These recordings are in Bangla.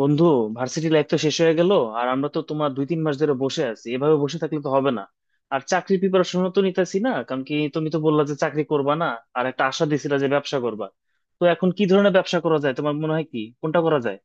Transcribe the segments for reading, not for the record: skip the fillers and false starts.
বন্ধু, ভার্সিটি লাইফ তো শেষ হয়ে গেল। আর আমরা তো তোমার দুই তিন মাস ধরে বসে আছি, এভাবে বসে থাকলে তো হবে না। আর চাকরি প্রিপারেশনও তো নিতেছি না, কারণ কি তুমি তো বললা যে চাকরি করবা না। আর একটা আশা দিছিলা যে ব্যবসা করবা। তো এখন কি ধরনের ব্যবসা করা যায় তোমার মনে হয়, কি কোনটা করা যায়?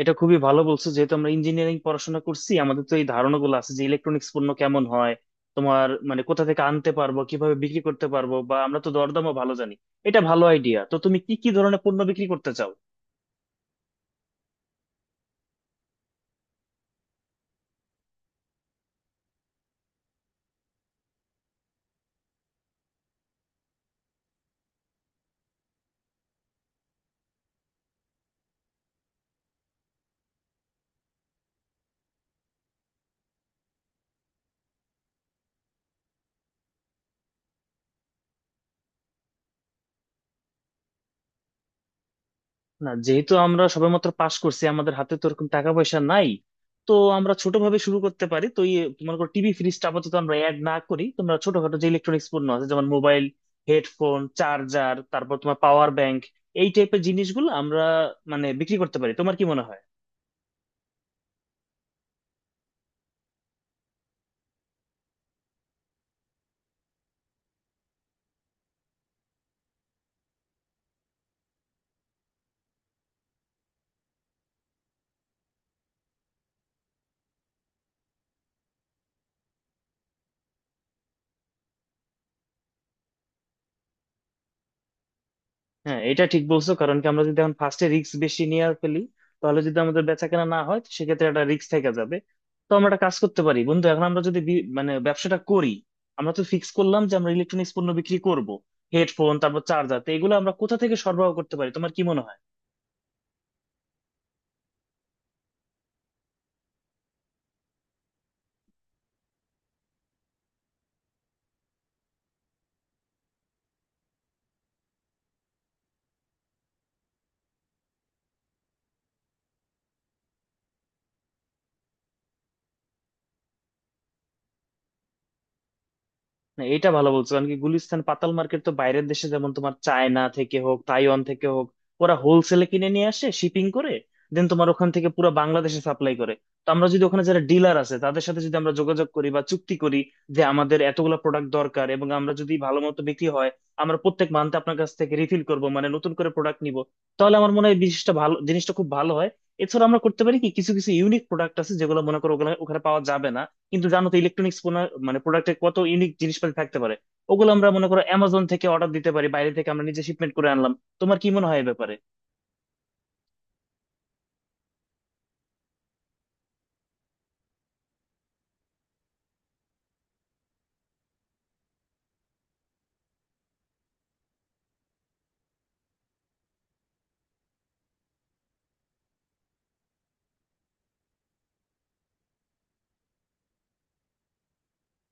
এটা খুবই ভালো বলছো। যেহেতু আমরা ইঞ্জিনিয়ারিং পড়াশোনা করছি, আমাদের তো এই ধারণা গুলো আছে যে ইলেকট্রনিক্স পণ্য কেমন হয়, তোমার মানে কোথা থেকে আনতে পারবো, কিভাবে বিক্রি করতে পারবো, বা আমরা তো দরদামও ভালো জানি। এটা ভালো আইডিয়া। তো তুমি কি কি ধরনের পণ্য বিক্রি করতে চাও? না, যেহেতু আমরা সবেমাত্র পাশ করছি আমাদের হাতে তো ওরকম টাকা পয়সা নাই। তো আমরা ছোটভাবে শুরু করতে পারি। তো ইয়ে তোমার টিভি ফ্রিজটা আপাতত আমরা অ্যাড না করি, তোমরা ছোটখাটো যে ইলেকট্রনিক্স পণ্য আছে যেমন মোবাইল, হেডফোন, চার্জার, তারপর তোমার পাওয়ার ব্যাংক এই টাইপের জিনিসগুলো আমরা মানে বিক্রি করতে পারি। তোমার কি মনে হয়? হ্যাঁ, এটা ঠিক বলছো। কারণ কি আমরা যদি এখন ফার্স্টে রিস্ক বেশি নিয়ে আর ফেলি, তাহলে যদি আমাদের বেচা কেনা না হয় তো সেক্ষেত্রে একটা রিস্ক থেকে যাবে। তো আমরা একটা কাজ করতে পারি বন্ধু। এখন আমরা যদি মানে ব্যবসাটা করি, আমরা তো ফিক্স করলাম যে আমরা ইলেকট্রনিক্স পণ্য বিক্রি করব, হেডফোন তারপর চার্জার, তো এগুলো আমরা কোথা থেকে সরবরাহ করতে পারি তোমার কি মনে হয়? না, এটা ভালো বলছো। কারণ কি গুলিস্তান পাতাল মার্কেট তো বাইরের দেশে যেমন তোমার চায়না থেকে হোক, তাইওয়ান থেকে হোক, ওরা হোলসেলে কিনে নিয়ে আসে শিপিং করে, দেন তোমার ওখান থেকে পুরো বাংলাদেশে সাপ্লাই করে। তো আমরা যদি ওখানে যারা ডিলার আছে তাদের সাথে যদি আমরা যোগাযোগ করি বা চুক্তি করি যে আমাদের এতগুলো প্রোডাক্ট দরকার, এবং আমরা যদি ভালো মতো বিক্রি হয় আমরা প্রত্যেক মান্থে আপনার কাছ থেকে রিফিল করব মানে নতুন করে প্রোডাক্ট নিব, তাহলে আমার মনে হয় বিশিষ্ট ভালো জিনিসটা খুব ভালো হয়। এছাড়া আমরা করতে পারি কি, কিছু কিছু ইউনিক প্রোডাক্ট আছে যেগুলো মনে করো ওখানে পাওয়া যাবে না। কিন্তু জানো তো ইলেকট্রনিক্স মানে প্রোডাক্টে কত ইউনিক জিনিসপাতি থাকতে পারে, ওগুলো আমরা মনে করো অ্যামাজন থেকে অর্ডার দিতে পারি, বাইরে থেকে আমরা নিজে শিপমেন্ট করে আনলাম। তোমার কি মনে হয় এই ব্যাপারে?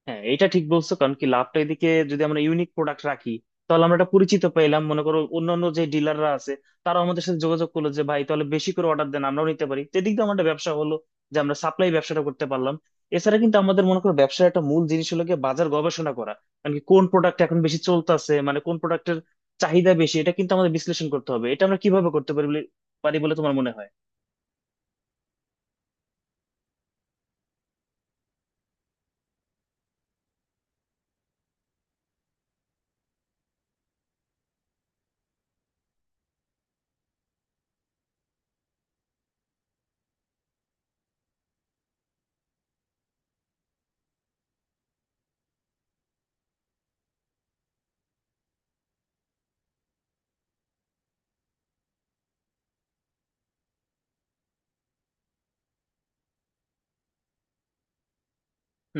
হ্যাঁ, এটা ঠিক বলছো। কারণ কি লাভটা এদিকে যদি আমরা ইউনিক প্রোডাক্ট রাখি তাহলে আমরা একটা পরিচিত পেলাম, মনে করো অন্যান্য যে ডিলাররা আছে তারা আমাদের সাথে যোগাযোগ করলো যে ভাই তাহলে বেশি করে অর্ডার দেন, আমরাও নিতে পারি। তো এদিক দিয়ে আমাদের ব্যবসা হলো যে আমরা সাপ্লাই ব্যবসাটা করতে পারলাম। এছাড়া কিন্তু আমাদের মনে করো ব্যবসার একটা মূল জিনিস হলো গিয়ে বাজার গবেষণা করা। মানে কি, কোন প্রোডাক্ট এখন বেশি চলতেছে, মানে কোন প্রোডাক্টের চাহিদা বেশি, এটা কিন্তু আমাদের বিশ্লেষণ করতে হবে। এটা আমরা কিভাবে করতে পারি বলে তোমার মনে হয়?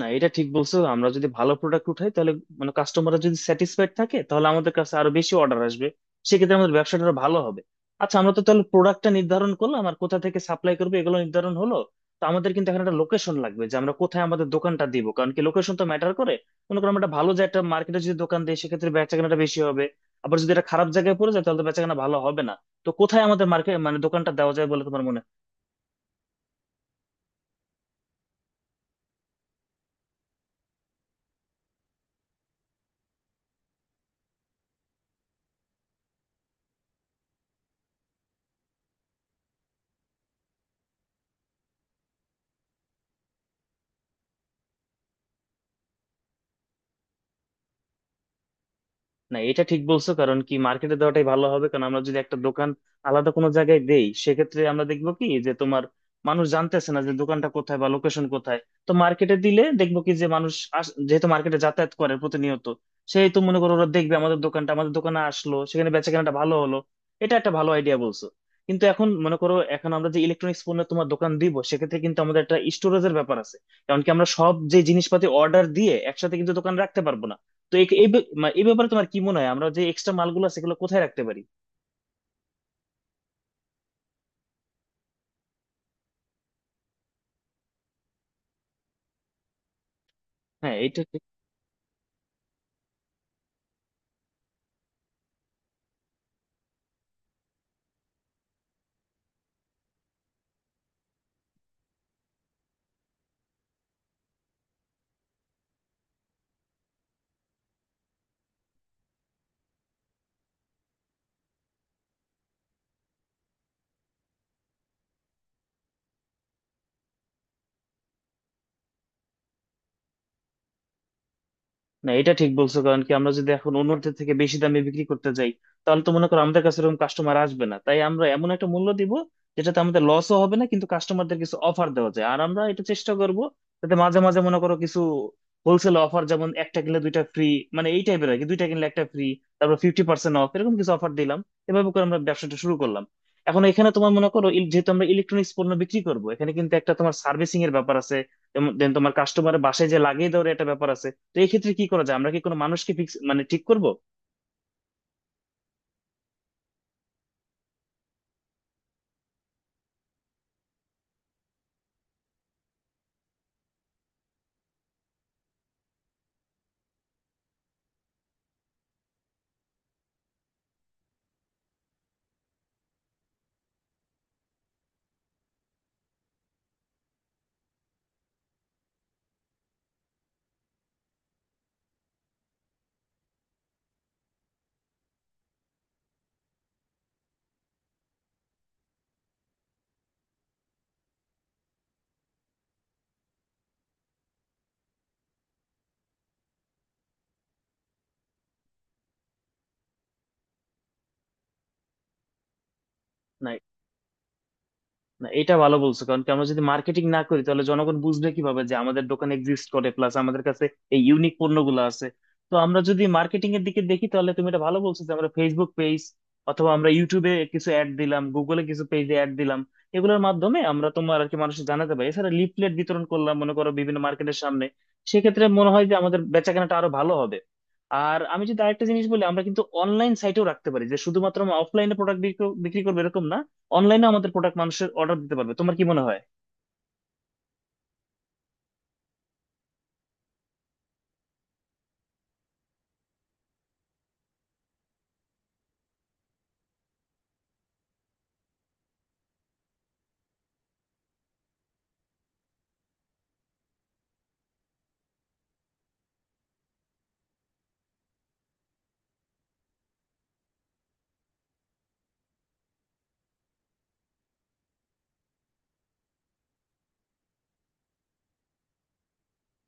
না, এটা ঠিক বলছো। আমরা যদি ভালো প্রোডাক্ট উঠাই তাহলে মানে কাস্টমাররা যদি স্যাটিসফাইড থাকে তাহলে আমাদের কাছে আরো বেশি অর্ডার আসবে, সেক্ষেত্রে আমাদের ব্যবসাটা আরো ভালো হবে। আচ্ছা, আমরা তো তাহলে প্রোডাক্টটা নির্ধারণ করলাম আর কোথা থেকে সাপ্লাই করবো এগুলো নির্ধারণ হলো। তো আমাদের কিন্তু এখানে একটা লোকেশন লাগবে যে আমরা কোথায় আমাদের দোকানটা দিব, কারণ কি লোকেশন তো ম্যাটার করে। মনে করো আমরা একটা ভালো যে একটা মার্কেটে যদি দোকান দিই সেক্ষেত্রে বেচাকেনাটা বেশি হবে, আবার যদি এটা খারাপ জায়গায় পড়ে যায় তাহলে তো বেচাকেনা ভালো হবে না। তো কোথায় আমাদের মার্কেট মানে দোকানটা দেওয়া যায় বলে তোমার মনে হয়? না, এটা ঠিক বলছো। কারণ কি মার্কেটে দেওয়াটাই ভালো হবে। কারণ আমরা যদি একটা দোকান আলাদা কোনো জায়গায় দেই সেক্ষেত্রে আমরা দেখবো কি যে তোমার মানুষ জানতেছে না যে দোকানটা কোথায় বা লোকেশন কোথায়। তো মার্কেটে দিলে দেখবো কি যে মানুষ যেহেতু মার্কেটে যাতায়াত করে প্রতিনিয়ত, সেই তো মনে করো ওরা দেখবে আমাদের দোকানটা, আমাদের দোকানে আসলো, সেখানে বেচাকেনাটা ভালো হলো। এটা একটা ভালো আইডিয়া বলছো। কিন্তু এখন মনে করো এখন আমরা যে ইলেকট্রনিক্স পণ্য তোমার দোকান দিব সেক্ষেত্রে কিন্তু আমাদের একটা স্টোরেজের ব্যাপার আছে, কারণ কি আমরা সব যে জিনিসপাতি অর্ডার দিয়ে একসাথে কিন্তু দোকান রাখতে পারবো না। তো এই এই ব্য- মা- এই ব্যাপারে তোমার কি মনে হয় আমরা যে এক্সট্রা মালগুলো আছে সেগুলো কোথায় রাখতে পারি? হ্যাঁ, এটা। না, এটা ঠিক বলছো। কারণ কি আমরা যদি এখন অন্যদের থেকে বেশি দামে বিক্রি করতে যাই তাহলে তো মনে করো আমাদের কাছে এরকম কাস্টমার আসবে না। তাই আমরা এমন একটা মূল্য দিব যেটাতে আমাদের লসও হবে না কিন্তু কাস্টমারদের কিছু অফার দেওয়া যায়। আর আমরা এটা চেষ্টা করব যাতে মাঝে মাঝে মনে করো কিছু হোলসেল অফার যেমন একটা কিনলে দুইটা ফ্রি, মানে এই টাইপের আর কি, দুইটা কিনলে একটা ফ্রি, তারপর 50% অফ, এরকম কিছু অফার দিলাম। এভাবে করে আমরা ব্যবসাটা শুরু করলাম। এখন এখানে তোমার মনে করো যেহেতু আমরা ইলেকট্রনিক্স পণ্য বিক্রি করবো এখানে কিন্তু একটা তোমার সার্ভিসিং এর ব্যাপার আছে, দেন তোমার কাস্টমারের বাসায় যে লাগিয়ে দেওয়ার একটা ব্যাপার আছে। তো এক্ষেত্রে কি করা যায়, আমরা কি কোনো মানুষকে ফিক্স মানে ঠিক করব? না, না, এটা ভালো বলছো। কারণ কি আমরা যদি মার্কেটিং না করি তাহলে জনগণ বুঝবে কিভাবে যে আমাদের দোকান এক্সিস্ট করে, প্লাস আমাদের কাছে এই ইউনিক পণ্যগুলো আছে। তো আমরা যদি মার্কেটিং এর দিকে দেখি তাহলে তুমি এটা ভালো বলছো যে আমরা ফেসবুক পেজ অথবা আমরা ইউটিউবে কিছু অ্যাড দিলাম, গুগলে কিছু পেজে অ্যাড দিলাম, এগুলোর মাধ্যমে আমরা তোমার আর কি মানুষকে জানাতে পারি। এছাড়া লিফলেট বিতরণ করলাম মনে করো বিভিন্ন মার্কেটের সামনে, সেক্ষেত্রে মনে হয় যে আমাদের বেচাকেনাটা আরো ভালো হবে। আর আমি যদি আরেকটা জিনিস বলি, আমরা কিন্তু অনলাইন সাইটেও রাখতে পারি যে শুধুমাত্র আমরা অফলাইনে প্রোডাক্ট বিক্রি করবো এরকম না, অনলাইনে আমাদের প্রোডাক্ট মানুষের অর্ডার দিতে পারবে। তোমার কি মনে হয়?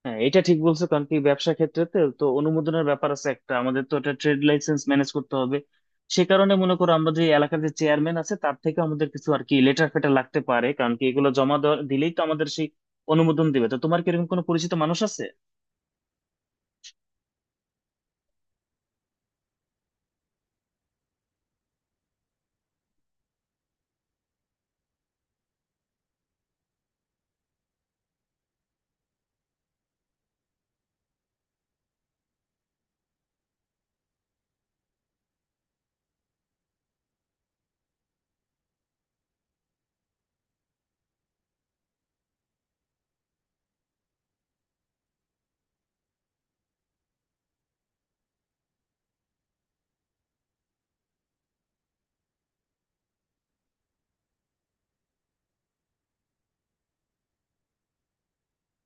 হ্যাঁ, এটা ঠিক বলছো। কারণ কি ব্যবসা ক্ষেত্রে তো তো অনুমোদনের ব্যাপার আছে একটা, আমাদের তো একটা ট্রেড লাইসেন্স ম্যানেজ করতে হবে। সে কারণে মনে করো আমরা যে এলাকার যে চেয়ারম্যান আছে তার থেকে আমাদের কিছু আর কি লেটার ফেটার লাগতে পারে, কারণ কি এগুলো জমা দিলেই তো আমাদের সেই অনুমোদন দিবে। তো তোমার কি এরকম কোনো পরিচিত মানুষ আছে?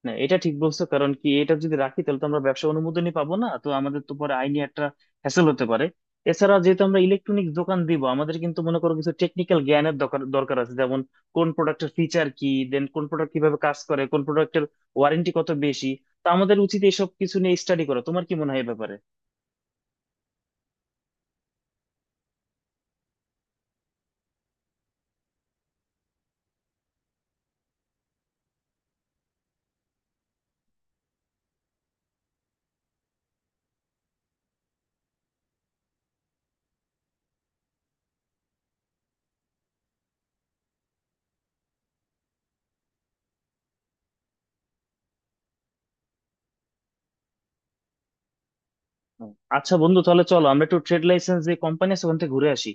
না, এটা ঠিক বলছো। কারণ কি এটা যদি রাখি তাহলে তো আমরা ব্যবসা অনুমোদনই পাবো না, তো আমাদের তো পরে আইনি একটা হ্যাসেল হতে পারে। এছাড়া যেহেতু আমরা ইলেকট্রনিক দোকান দিব, আমাদের কিন্তু মনে করো কিছু টেকনিক্যাল জ্ঞানের দরকার দরকার আছে, যেমন কোন প্রোডাক্টের ফিচার কি, দেন কোন প্রোডাক্ট কিভাবে কাজ করে, কোন প্রোডাক্টের ওয়ারেন্টি কত বেশি। তো আমাদের উচিত এসব কিছু নিয়ে স্টাডি করা। তোমার কি মনে হয় এ ব্যাপারে? হুম। আচ্ছা বন্ধু, তাহলে চলো আমরা একটু ট্রেড লাইসেন্স যে কোম্পানি আছে ওখান থেকে ঘুরে আসি।